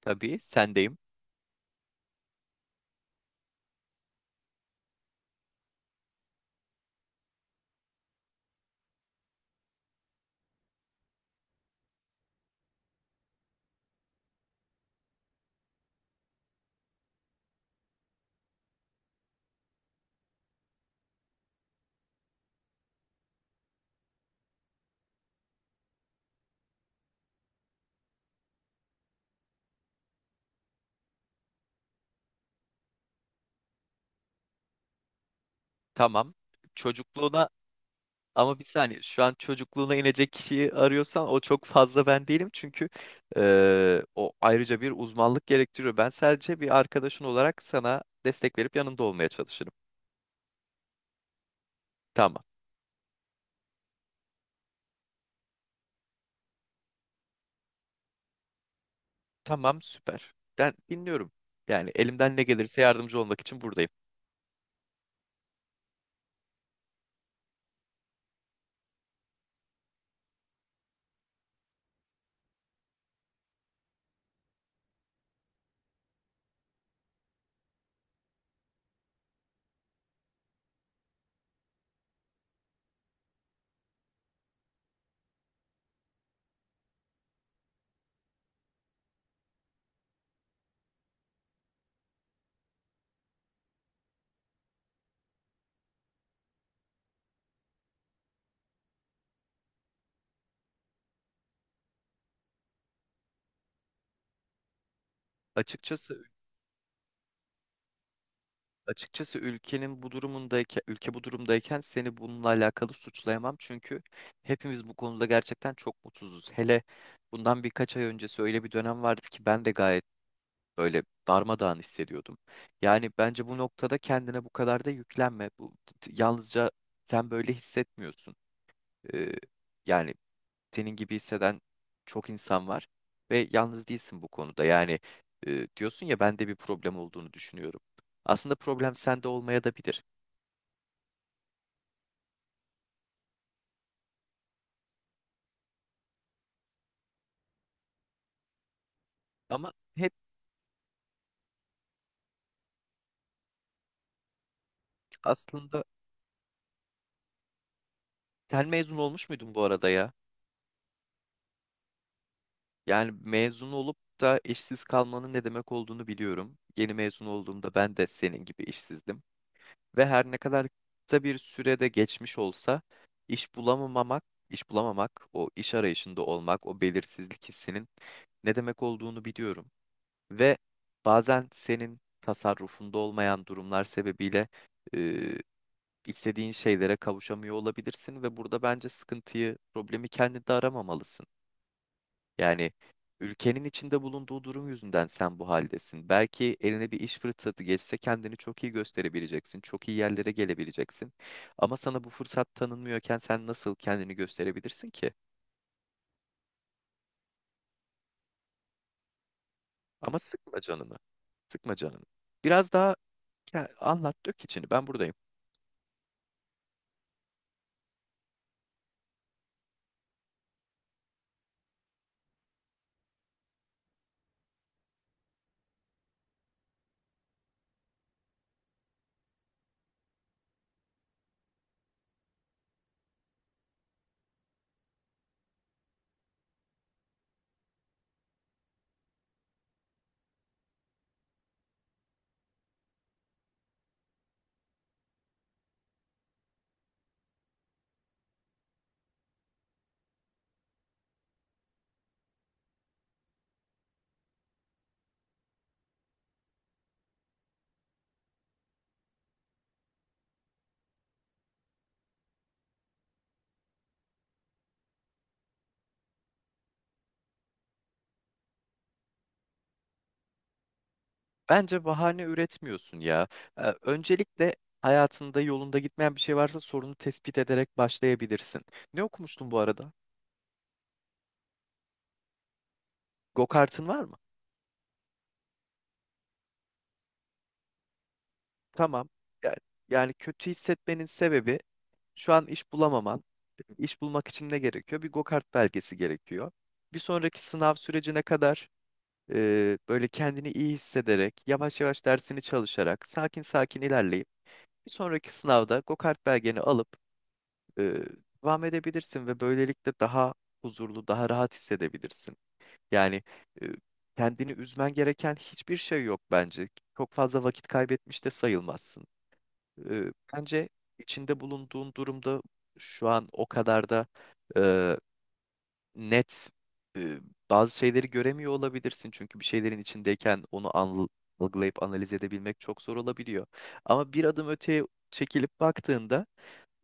Tabii sendeyim. Tamam. Çocukluğuna, ama bir saniye, şu an çocukluğuna inecek kişiyi arıyorsan o çok fazla ben değilim. Çünkü o ayrıca bir uzmanlık gerektiriyor. Ben sadece bir arkadaşın olarak sana destek verip yanında olmaya çalışırım. Tamam. Tamam, süper. Ben dinliyorum. Yani elimden ne gelirse yardımcı olmak için buradayım. Açıkçası Açıkçası ülkenin bu durumundayken, ülke bu durumdayken seni bununla alakalı suçlayamam. Çünkü hepimiz bu konuda gerçekten çok mutsuzuz. Hele bundan birkaç ay öncesi öyle bir dönem vardı ki ben de gayet böyle darmadağın hissediyordum. Yani bence bu noktada kendine bu kadar da yüklenme. Bu yalnızca sen böyle hissetmiyorsun. Ee, Yani senin gibi hisseden çok insan var ve yalnız değilsin bu konuda. Yani diyorsun ya, bende bir problem olduğunu düşünüyorum. Aslında problem sende olmaya da bilir. Ama hep Aslında sen mezun olmuş muydun bu arada ya? Yani mezun olup da işsiz kalmanın ne demek olduğunu biliyorum. Yeni mezun olduğumda ben de senin gibi işsizdim. Ve her ne kadar kısa bir sürede geçmiş olsa, iş bulamamak, iş bulamamak, o iş arayışında olmak, o belirsizlik hissinin ne demek olduğunu biliyorum. Ve bazen senin tasarrufunda olmayan durumlar sebebiyle e, istediğin şeylere kavuşamıyor olabilirsin ve burada bence sıkıntıyı, problemi kendinde aramamalısın. Yani ülkenin içinde bulunduğu durum yüzünden sen bu haldesin. Belki eline bir iş fırsatı geçse kendini çok iyi gösterebileceksin, çok iyi yerlere gelebileceksin. Ama sana bu fırsat tanınmıyorken sen nasıl kendini gösterebilirsin ki? Ama sıkma canını, sıkma canını. Biraz daha anlat, dök içini. Ben buradayım. Bence bahane üretmiyorsun ya. Öncelikle hayatında yolunda gitmeyen bir şey varsa sorunu tespit ederek başlayabilirsin. Ne okumuştun bu arada? Go-kart'ın var mı? Tamam. Yani, yani kötü hissetmenin sebebi şu an iş bulamaman. İş bulmak için ne gerekiyor? Bir go-kart belgesi gerekiyor. Bir sonraki sınav sürecine kadar böyle kendini iyi hissederek, yavaş yavaş dersini çalışarak, sakin sakin ilerleyip bir sonraki sınavda go-kart belgeni alıp e, devam edebilirsin ve böylelikle daha huzurlu, daha rahat hissedebilirsin. Yani e, kendini üzmen gereken hiçbir şey yok bence. Çok fazla vakit kaybetmiş de sayılmazsın. E, Bence içinde bulunduğun durumda şu an o kadar da e, net e, bazı şeyleri göremiyor olabilirsin. Çünkü bir şeylerin içindeyken onu algılayıp analiz edebilmek çok zor olabiliyor. Ama bir adım öteye çekilip baktığında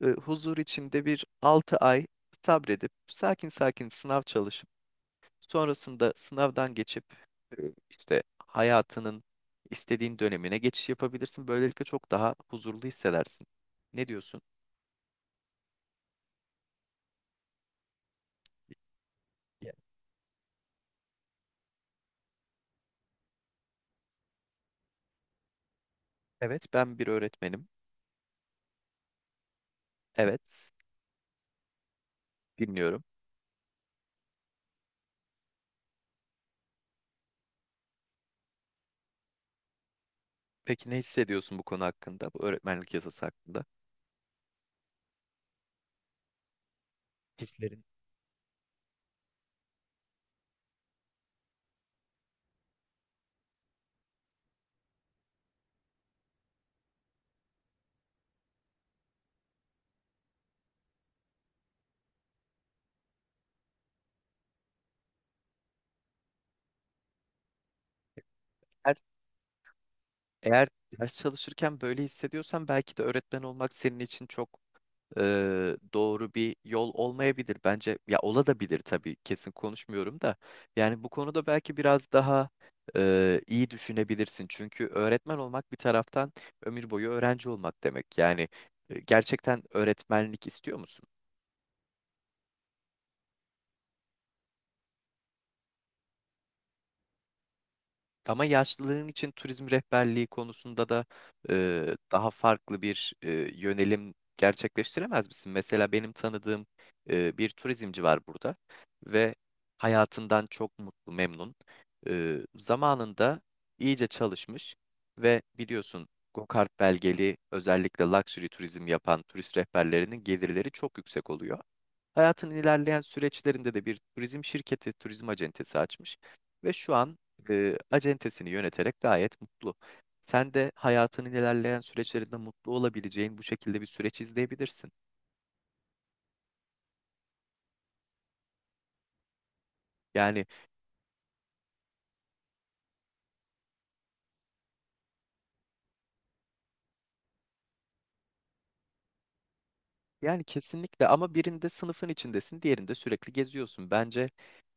huzur içinde bir 6 ay sabredip sakin sakin sınav çalışıp sonrasında sınavdan geçip e, işte hayatının istediğin dönemine geçiş yapabilirsin. Böylelikle çok daha huzurlu hissedersin. Ne diyorsun? Ya, evet, ben bir öğretmenim. Evet, dinliyorum. Peki ne hissediyorsun bu konu hakkında, bu öğretmenlik yasası hakkında? Hislerin. Eğer, eğer ders çalışırken böyle hissediyorsan belki de öğretmen olmak senin için çok doğru bir yol olmayabilir. Bence ya ola da bilir tabii, kesin konuşmuyorum da. Yani bu konuda belki biraz daha iyi düşünebilirsin. Çünkü öğretmen olmak bir taraftan ömür boyu öğrenci olmak demek. Yani gerçekten öğretmenlik istiyor musun? Ama yaşlıların için turizm rehberliği konusunda da daha farklı bir yönelim gerçekleştiremez misin? Mesela benim tanıdığım bir turizmci var burada ve hayatından çok mutlu, memnun. Zamanında iyice çalışmış ve biliyorsun, Gokart belgeli özellikle luxury turizm yapan turist rehberlerinin gelirleri çok yüksek oluyor. Hayatın ilerleyen süreçlerinde de bir turizm şirketi, turizm acentesi açmış ve şu an acentesini yöneterek gayet mutlu. Sen de hayatının ilerleyen süreçlerinde mutlu olabileceğin bu şekilde bir süreç izleyebilirsin. Yani Yani kesinlikle, ama birinde sınıfın içindesin, diğerinde sürekli geziyorsun. Bence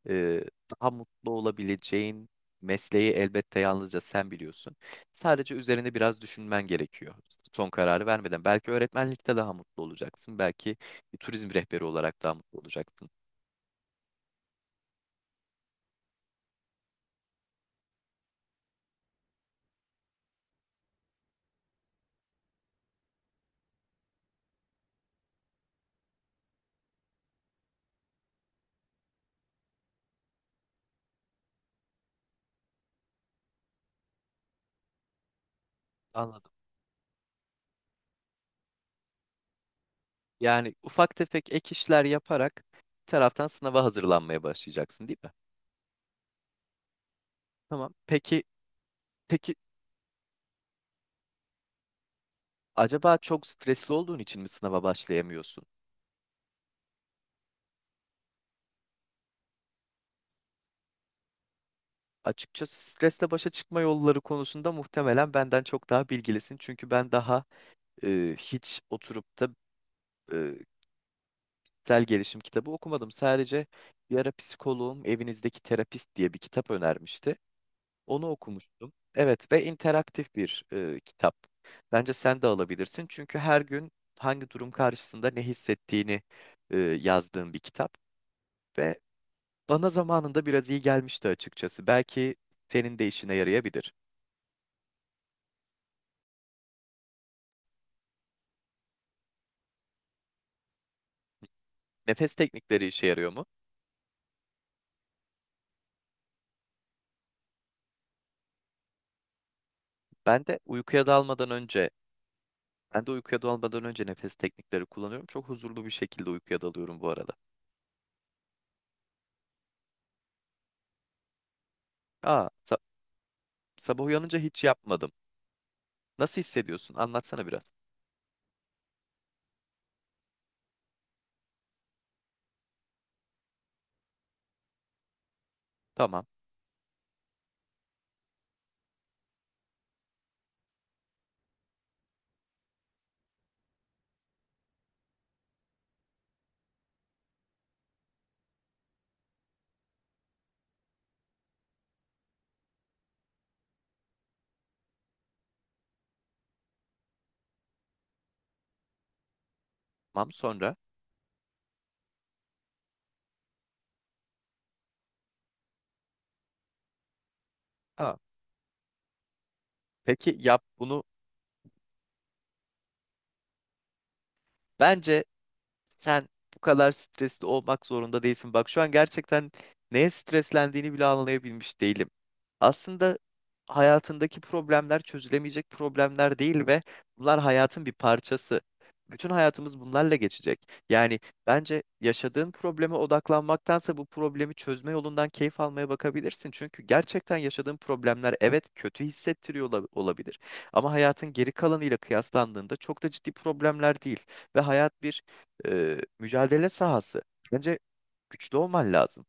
e, daha mutlu olabileceğin mesleği elbette yalnızca sen biliyorsun. Sadece üzerine biraz düşünmen gerekiyor. Son kararı vermeden. Belki öğretmenlikte daha mutlu olacaksın. Belki bir turizm rehberi olarak daha mutlu olacaksın. Anladım. Yani ufak tefek ek işler yaparak bir taraftan sınava hazırlanmaya başlayacaksın, değil mi? Tamam. Peki, peki acaba çok stresli olduğun için mi sınava başlayamıyorsun? Açıkçası stresle başa çıkma yolları konusunda muhtemelen benden çok daha bilgilisin. Çünkü ben daha hiç oturup da e, kişisel gelişim kitabı okumadım. Sadece bir ara psikoloğum evinizdeki terapist diye bir kitap önermişti. Onu okumuştum. Evet ve interaktif bir kitap. Bence sen de alabilirsin. Çünkü her gün hangi durum karşısında ne hissettiğini yazdığım bir kitap. Ve bana zamanında biraz iyi gelmişti açıkçası. Belki senin de işine yarayabilir. Nefes teknikleri işe yarıyor mu? Ben de uykuya dalmadan önce Ben de uykuya dalmadan önce nefes teknikleri kullanıyorum. Çok huzurlu bir şekilde uykuya dalıyorum bu arada. Aa, sabah uyanınca hiç yapmadım. Nasıl hissediyorsun? Anlatsana biraz. Tamam. Tamam, sonra. Aa, peki yap bunu. Bence Sen bu kadar stresli olmak zorunda değilsin. Bak şu an gerçekten neye streslendiğini bile anlayabilmiş değilim. Aslında hayatındaki problemler çözülemeyecek problemler değil ve bunlar hayatın bir parçası. Bütün hayatımız bunlarla geçecek. Yani bence yaşadığın probleme odaklanmaktansa bu problemi çözme yolundan keyif almaya bakabilirsin. Çünkü gerçekten yaşadığın problemler evet kötü hissettiriyor olabilir. Ama hayatın geri kalanıyla kıyaslandığında çok da ciddi problemler değil. Ve hayat bir mücadele sahası. Bence güçlü olman lazım.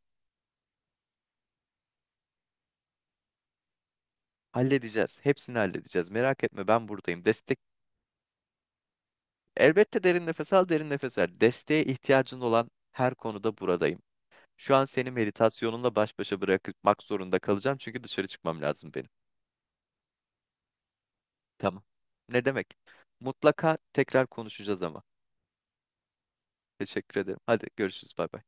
Halledeceğiz. Hepsini halledeceğiz. Merak etme, ben buradayım. Destek elbette, derin nefes al, derin nefes ver. Desteğe ihtiyacın olan her konuda buradayım. Şu an seni meditasyonunla baş başa bırakmak zorunda kalacağım çünkü dışarı çıkmam lazım benim. Tamam. Ne demek? Mutlaka tekrar konuşacağız ama. Teşekkür ederim. Hadi görüşürüz. Bay bay.